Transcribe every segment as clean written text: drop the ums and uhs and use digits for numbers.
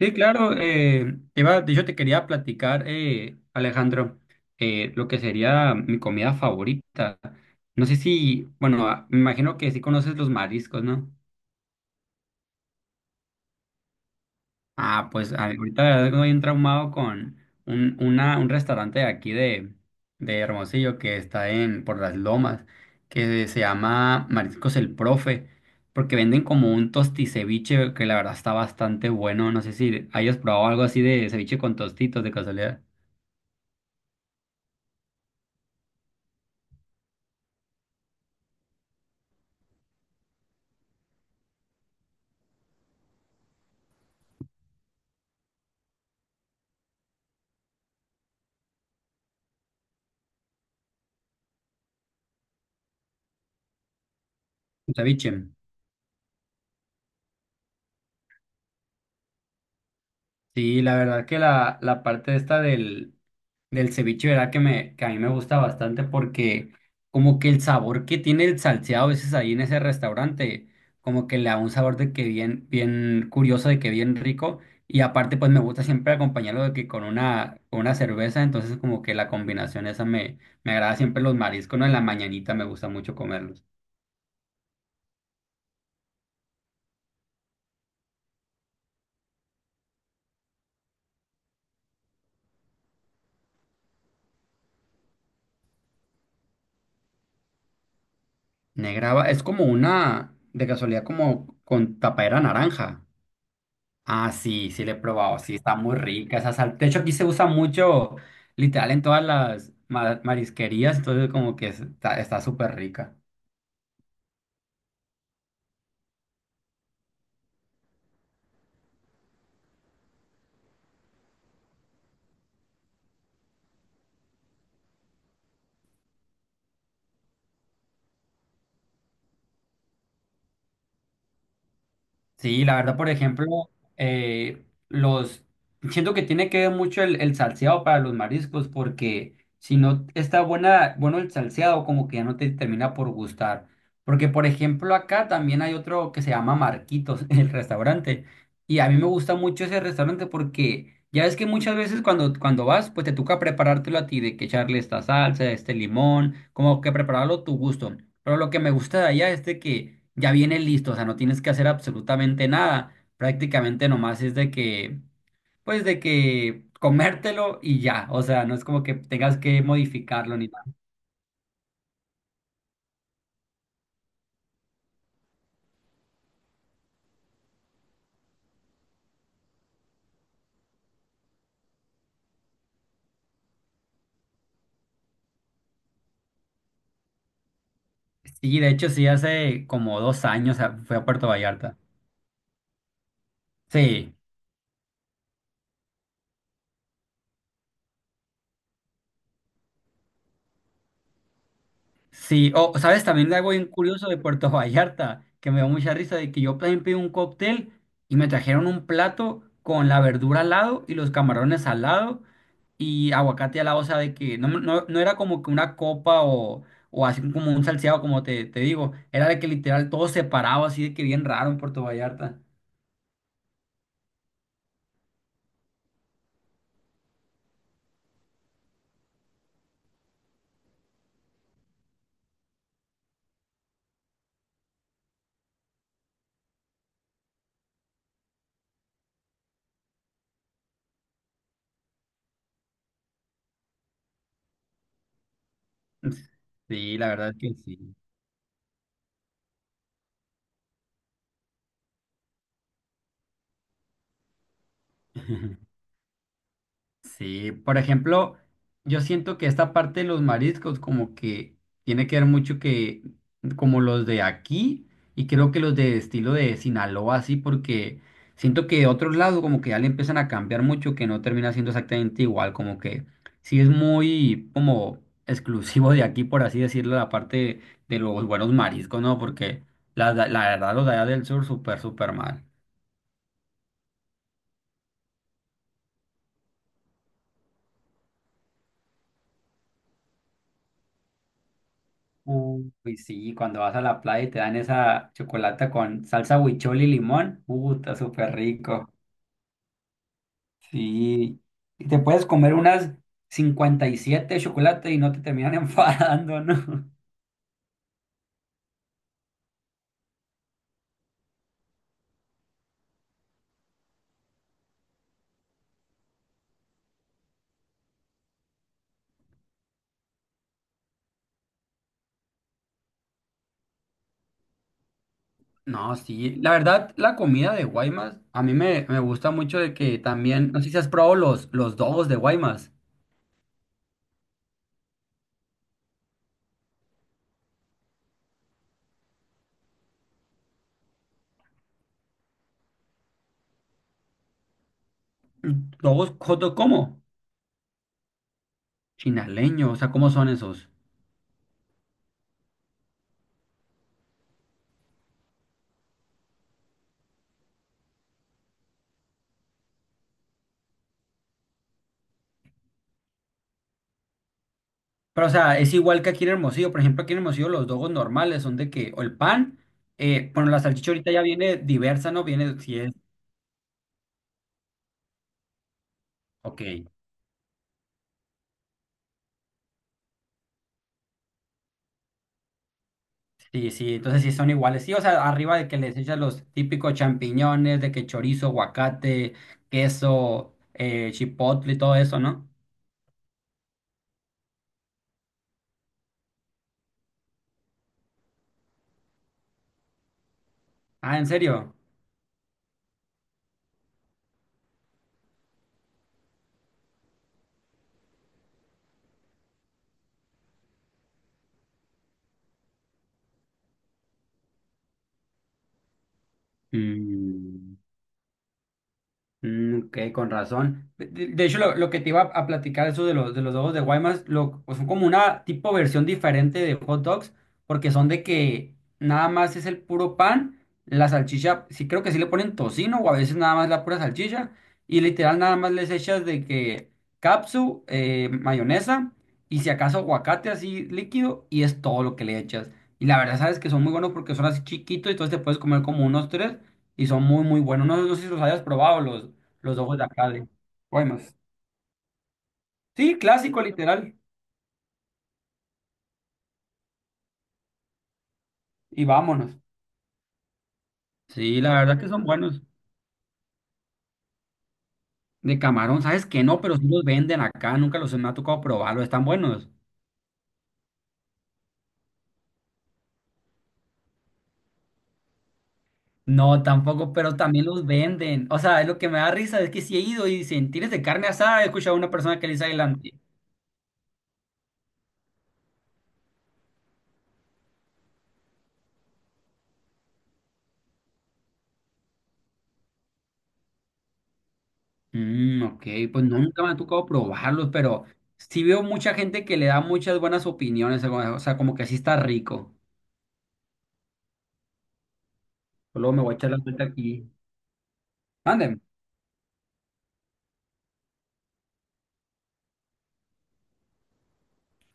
Sí, claro, iba, de hecho te quería platicar, Alejandro, lo que sería mi comida favorita. No sé si, bueno, me imagino que sí conoces los mariscos, ¿no? Ah, pues ahorita la verdad que estoy bien traumado con un restaurante de aquí de Hermosillo que está en por las Lomas, que se llama Mariscos el Profe, porque venden como un tosticeviche que la verdad está bastante bueno. No sé si hayas probado algo así de ceviche con tostitos de casualidad. Ceviche. Sí, la verdad que la parte esta del ceviche, verdad que me, que a mí me gusta bastante porque como que el sabor que tiene el salseado a veces ahí en ese restaurante, como que le da un sabor de que bien, bien curioso, de que bien rico. Y aparte, pues me gusta siempre acompañarlo de que con una cerveza, entonces como que la combinación esa me agrada siempre los mariscos, ¿no? En la mañanita me gusta mucho comerlos. Negraba, es como una, de casualidad, como con tapadera naranja. Ah, sí, sí le he probado, sí, está muy rica esa sal. De hecho, aquí se usa mucho, literal, en todas las marisquerías, entonces como que está súper rica. Sí, la verdad, por ejemplo, los siento que tiene que ver mucho el salseado para los mariscos, porque si no está buena, bueno el salseado, como que ya no te termina por gustar. Porque, por ejemplo, acá también hay otro que se llama Marquitos, el restaurante. Y a mí me gusta mucho ese restaurante porque ya ves que muchas veces cuando vas, pues te toca preparártelo a ti, de que echarle esta salsa, este limón, como que prepararlo a tu gusto. Pero lo que me gusta de allá es de que ya viene listo, o sea, no tienes que hacer absolutamente nada. Prácticamente nomás es de que, pues de que comértelo y ya. O sea, no es como que tengas que modificarlo ni nada. Sí, de hecho, sí, hace como dos años fui a Puerto Vallarta. Sí, sí. O, ¿sabes? También algo bien curioso de Puerto Vallarta, que me dio mucha risa, de que yo también pedí un cóctel y me trajeron un plato con la verdura al lado y los camarones al lado, y aguacate al lado, o sea, de que no, no, no era como que una copa o así como un salseado, como te digo, era de que literal todo separado, así de que bien raro en Puerto Vallarta. Sí, la verdad es que sí. Sí, por ejemplo, yo siento que esta parte de los mariscos como que tiene que ver mucho que como los de aquí y creo que los de estilo de Sinaloa así porque siento que de otros lados como que ya le empiezan a cambiar mucho que no termina siendo exactamente igual, como que sí es muy como exclusivo de aquí por así decirlo la parte de los buenos mariscos, ¿no? Porque la verdad los de allá del sur súper súper mal. Uy, pues sí, cuando vas a la playa y te dan esa chocolata con salsa huichol y limón, está súper rico. Sí, y te puedes comer unas 57 chocolates y no te terminan enfadando, ¿no? No, sí, la verdad, la comida de Guaymas, a mí me gusta mucho de que también, no sé si has probado los dogos de Guaymas. ¿Dogos cómo? Chinaleño, o sea, ¿cómo son esos? Pero, o sea, es igual que aquí en Hermosillo. Por ejemplo, aquí en Hermosillo los dogos normales son de que, o el pan, bueno, la salchicha ahorita ya viene diversa, ¿no? Viene, si es, ok, sí, sí, entonces sí son iguales. Sí, o sea, arriba de que les echas los típicos champiñones, de que chorizo, aguacate, queso, chipotle y todo eso, ¿no? Ah, ¿en serio? Mm. Mm, ok, con razón. De, de hecho, lo que te iba a platicar, eso de de los dogos de Guaymas, lo, pues, son como una tipo versión diferente de hot dogs, porque son de que nada más es el puro pan, la salchicha, sí creo que sí le ponen tocino o a veces nada más la pura salchicha, y literal nada más les echas de que mayonesa, y si acaso aguacate así líquido, y es todo lo que le echas. Y la verdad, sabes que son muy buenos porque son así chiquitos, y entonces te puedes comer como unos tres, y son muy, muy buenos. No, no sé si los hayas probado los. Los ojos de acá de Guaymas. Sí, clásico literal. Y vámonos. Sí, la verdad que son buenos. De camarón, sabes que no, pero sí los venden acá. Nunca los me ha tocado probarlos. Están buenos. No, tampoco, pero también los venden. O sea, es lo que me da risa es que si he ido y dicen, ¿tienes de carne asada? He escuchado a una persona que le dice adelante. Mm, ok, pues no, nunca me ha tocado probarlos, pero sí veo mucha gente que le da muchas buenas opiniones. O sea, como que sí está rico. Luego me voy a echar la vuelta aquí. Mande.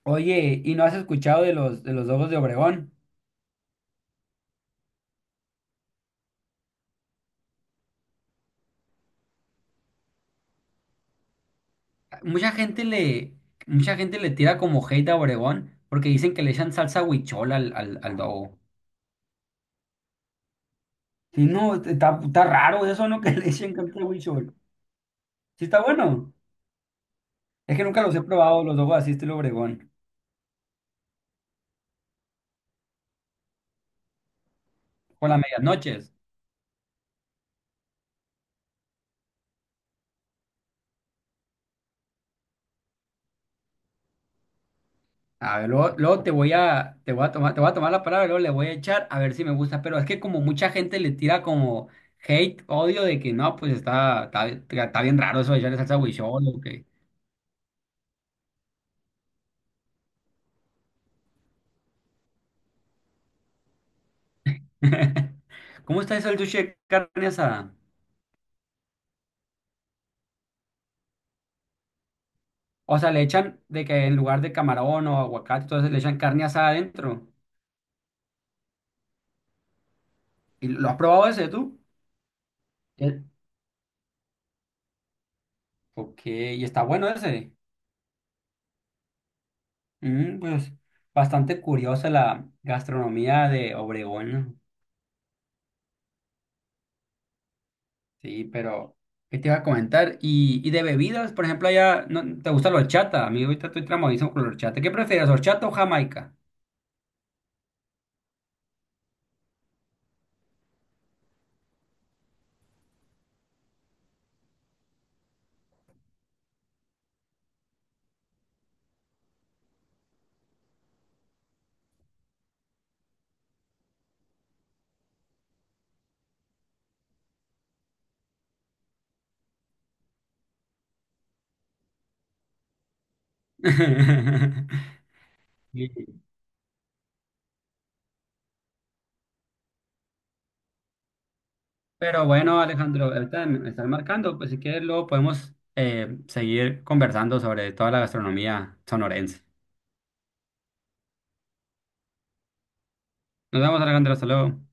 Oye, ¿y no has escuchado de los Lobos de Obregón? Mucha gente le mucha gente le tira como hate a Obregón porque dicen que le echan salsa huichol al al Dogo. Sí, no, está, está raro eso, ¿no? Que le echen salsa huichol. Sí está bueno. Es que nunca los he probado los Dogos así estilo Obregón con las medianoches. A ver, luego, luego te voy a tomar te voy a tomar la palabra, y luego le voy a echar a ver si me gusta, pero es que como mucha gente le tira como hate, odio de que no, pues está bien raro eso de echarle salsa huichol o que ¿Cómo está eso el sushi de carne asada? O sea, le echan de que en lugar de camarón o aguacate, entonces le echan carne asada adentro. ¿Y lo has probado ese tú? Eh, Ok, y está bueno ese. Mm, pues bastante curiosa la gastronomía de Obregón, ¿no? Sí, pero ¿qué te iba a comentar? Y de bebidas, por ejemplo, allá no, ¿te gusta la horchata? A mí ahorita estoy tramadísimo con la horchata. ¿Qué prefieres, horchata o jamaica? Sí. Pero bueno, Alejandro, ahorita me están marcando, pues si quieres luego podemos seguir conversando sobre toda la gastronomía sonorense. Nos vemos, Alejandro, hasta luego.